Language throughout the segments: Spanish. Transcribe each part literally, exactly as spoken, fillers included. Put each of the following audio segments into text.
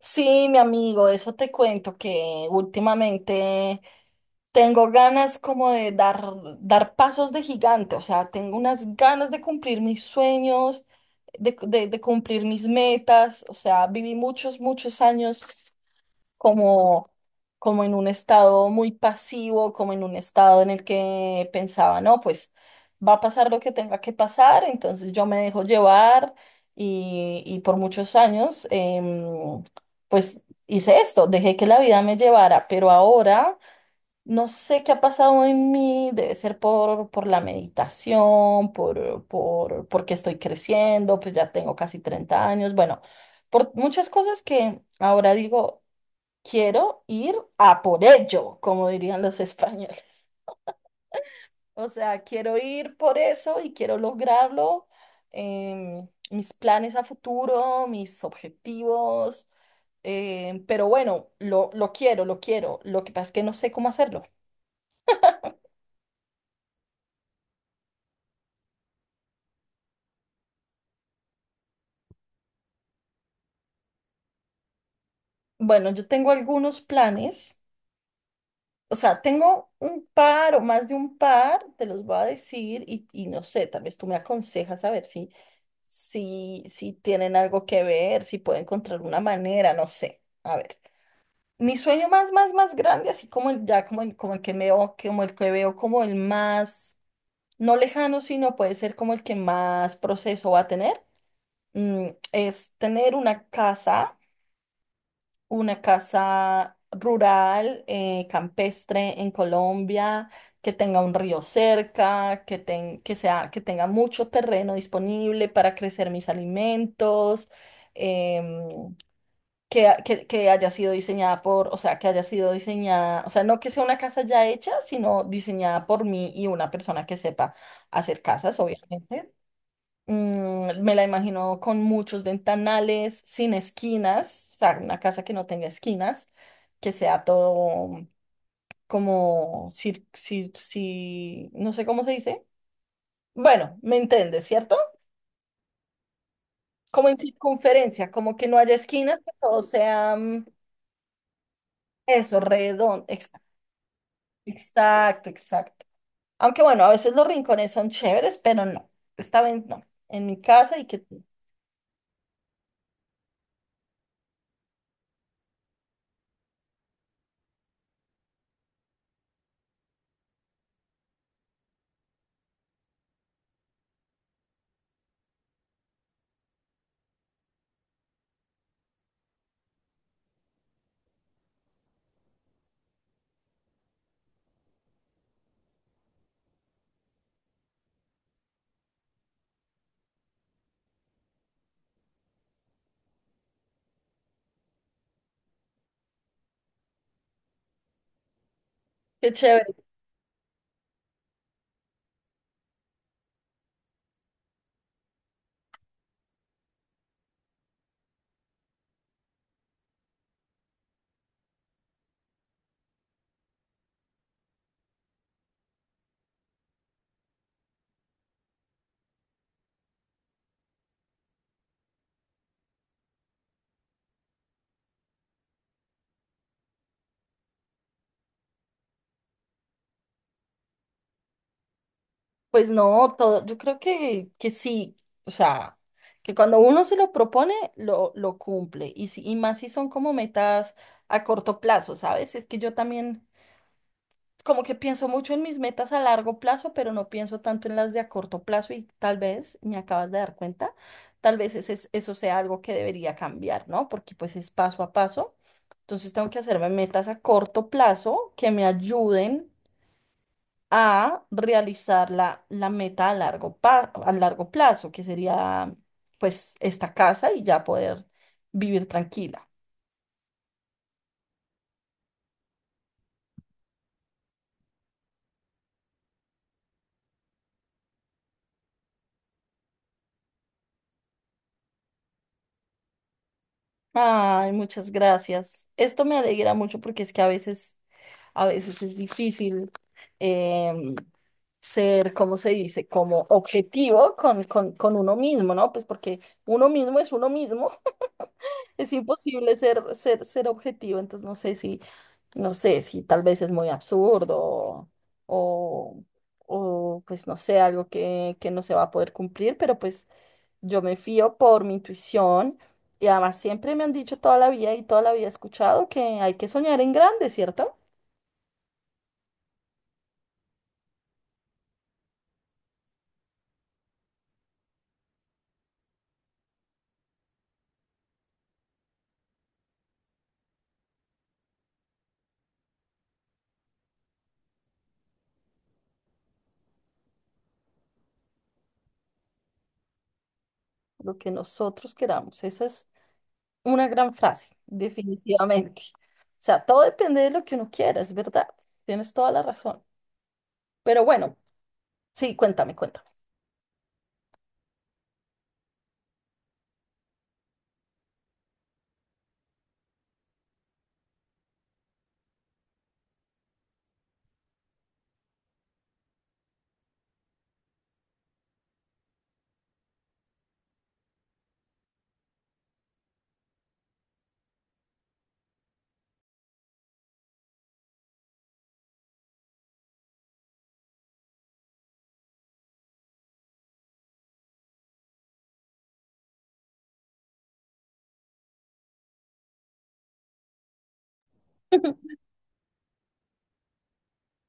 Sí, mi amigo, eso te cuento que últimamente tengo ganas como de dar, dar pasos de gigante. O sea, tengo unas ganas de cumplir mis sueños, de, de- de cumplir mis metas. O sea, viví muchos, muchos años como, como en un estado muy pasivo, como en un estado en el que pensaba, no, pues va a pasar lo que tenga que pasar, entonces yo me dejo llevar y, y por muchos años, em, pues hice esto, dejé que la vida me llevara. Pero ahora no sé qué ha pasado en mí, debe ser por, por la meditación, por, por, porque estoy creciendo, pues ya tengo casi treinta años, bueno, por muchas cosas que ahora digo: quiero ir a por ello, como dirían los españoles. O sea, quiero ir por eso y quiero lograrlo. Em, mis planes a futuro, mis objetivos. Em, pero bueno, lo, lo quiero, lo quiero. Lo que pasa es que no sé cómo hacerlo. Bueno, yo tengo algunos planes. O sea, tengo un par o más de un par, te los voy a decir y, y no sé, tal vez tú me aconsejas a ver si, si, si tienen algo que ver, si puedo encontrar una manera, no sé. A ver, mi sueño más, más, más grande, así como el ya, como el, como el que veo, como el que veo, como el más, no lejano, sino puede ser como el que más proceso va a tener, mm, es tener una casa, una casa rural, eh, campestre en Colombia, que tenga un río cerca, que, ten- que sea, que tenga mucho terreno disponible para crecer mis alimentos. em, que, ha- que- que- haya sido diseñada por, o sea, que haya sido diseñada, o sea, no que sea una casa ya hecha, sino diseñada por mí y una persona que sepa hacer casas, obviamente. Mm, me la imagino con muchos ventanales, sin esquinas. O sea, una casa que no tenga esquinas, que sea todo como, cir- cir- ci- no sé cómo se dice. Bueno, me entiendes, ¿cierto? Como en circunferencia, como que no haya esquinas, que todo sea mm, eso, redondo. Exacto, exacto, exacto. Aunque bueno, a veces los rincones son chéveres, pero no, esta vez no. En mi casa y que qué qué chévere. Pues no, todo, yo creo que, que sí. O sea, que cuando uno se lo propone, lo, lo cumple, y, si, y más si son como metas a corto plazo, ¿sabes? Es que yo también como que pienso mucho en mis metas a largo plazo, pero no pienso tanto en las de a corto plazo y tal vez, me acabas de dar cuenta, tal vez ese es- eso sea algo que debería cambiar, ¿no? Porque pues es paso a paso, entonces tengo que hacerme metas a corto plazo que me ayuden a realizar la, la meta a largo, pa- a largo plazo, que sería pues esta casa y ya poder vivir tranquila. Ay, muchas gracias. Esto me alegra mucho porque es que a veces, a veces es difícil em, ser, ¿cómo se dice? Como objetivo con, con, con uno mismo, ¿no? Pues porque uno mismo es uno mismo. Es imposible ser, ser, ser objetivo. Entonces no sé si no sé si tal vez es muy absurdo o, o pues no sé, algo que, que no se va a poder cumplir, pero pues yo me fío por mi intuición y además siempre me han dicho toda la vida y toda la vida he escuchado que hay que soñar en grande, ¿cierto? Lo que nosotros queramos. Esa es una gran frase, definitivamente. O sea, todo depende de lo que uno quiera, es verdad. Tienes toda la razón. Pero bueno, sí, cuéntame, cuéntame.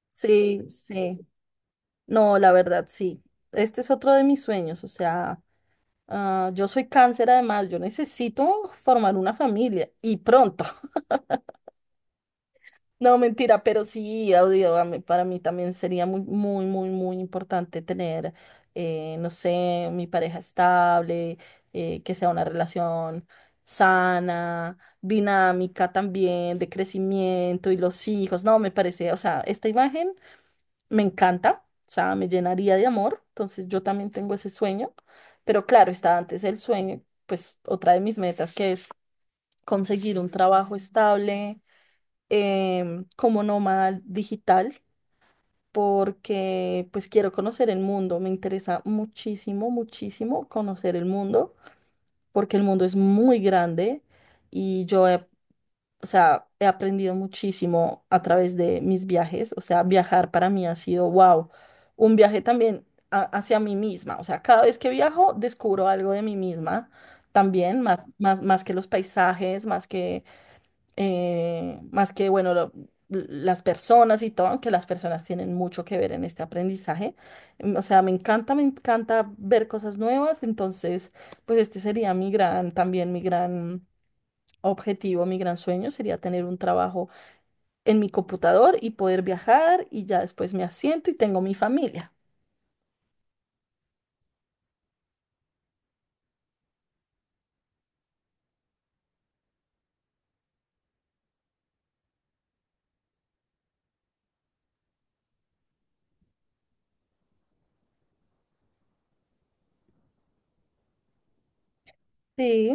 Sí, sí. No, la verdad, sí. Este es otro de mis sueños. O sea, ah, yo soy cáncer además, yo necesito formar una familia y pronto. No, mentira, pero sí, audio, a mí- para mí también sería muy, muy, muy, muy importante tener, eh, no sé, mi pareja estable, eh, que sea una relación sana, dinámica también, de crecimiento y los hijos. No, me parece, o sea, esta imagen me encanta. O sea, me llenaría de amor, entonces yo también tengo ese sueño, pero claro, está antes el sueño, pues otra de mis metas que es conseguir un trabajo estable em, como nómada digital, porque pues quiero conocer el mundo, me interesa muchísimo, muchísimo conocer el mundo, porque el mundo es muy grande y yo he o sea, he aprendido muchísimo a través de mis viajes. O sea, viajar para mí ha sido, wow, un viaje también a- hacia mí misma. O sea, cada vez que viajo descubro algo de mí misma también, más, más, más que los paisajes, más que, eh, más que, bueno, lo- las personas y todo, aunque las personas tienen mucho que ver en este aprendizaje. Em, O sea, me encanta, me encanta ver cosas nuevas. Entonces, pues este sería mi gran, también mi gran objetivo, mi gran sueño sería tener un trabajo en mi computador y poder viajar y ya después me asiento y tengo mi familia. Sí,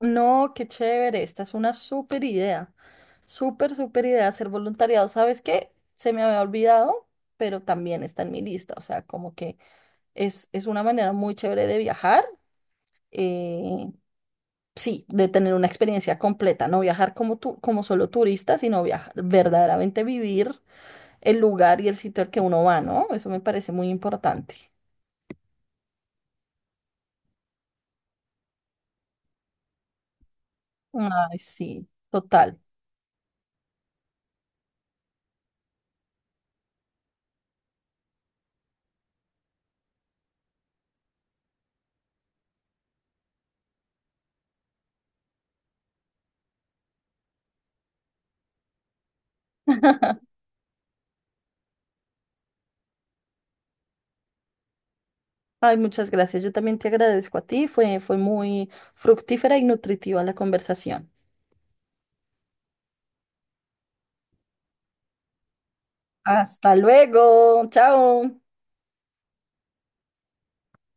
no, qué chévere, esta es una súper idea, súper, súper idea hacer voluntariado. ¿Sabes qué? Se me había olvidado, pero también está en mi lista. O sea, como que es, es una manera muy chévere de viajar. eh, Sí, de tener una experiencia completa, no viajar como tú, como solo turista, sino viajar, verdaderamente vivir el lugar y el sitio al que uno va, ¿no? Eso me parece muy importante. Ay, sí, total. Ay, muchas gracias. Yo también te agradezco a ti. Fue, fue muy fructífera y nutritiva la conversación. Hasta luego. Chao.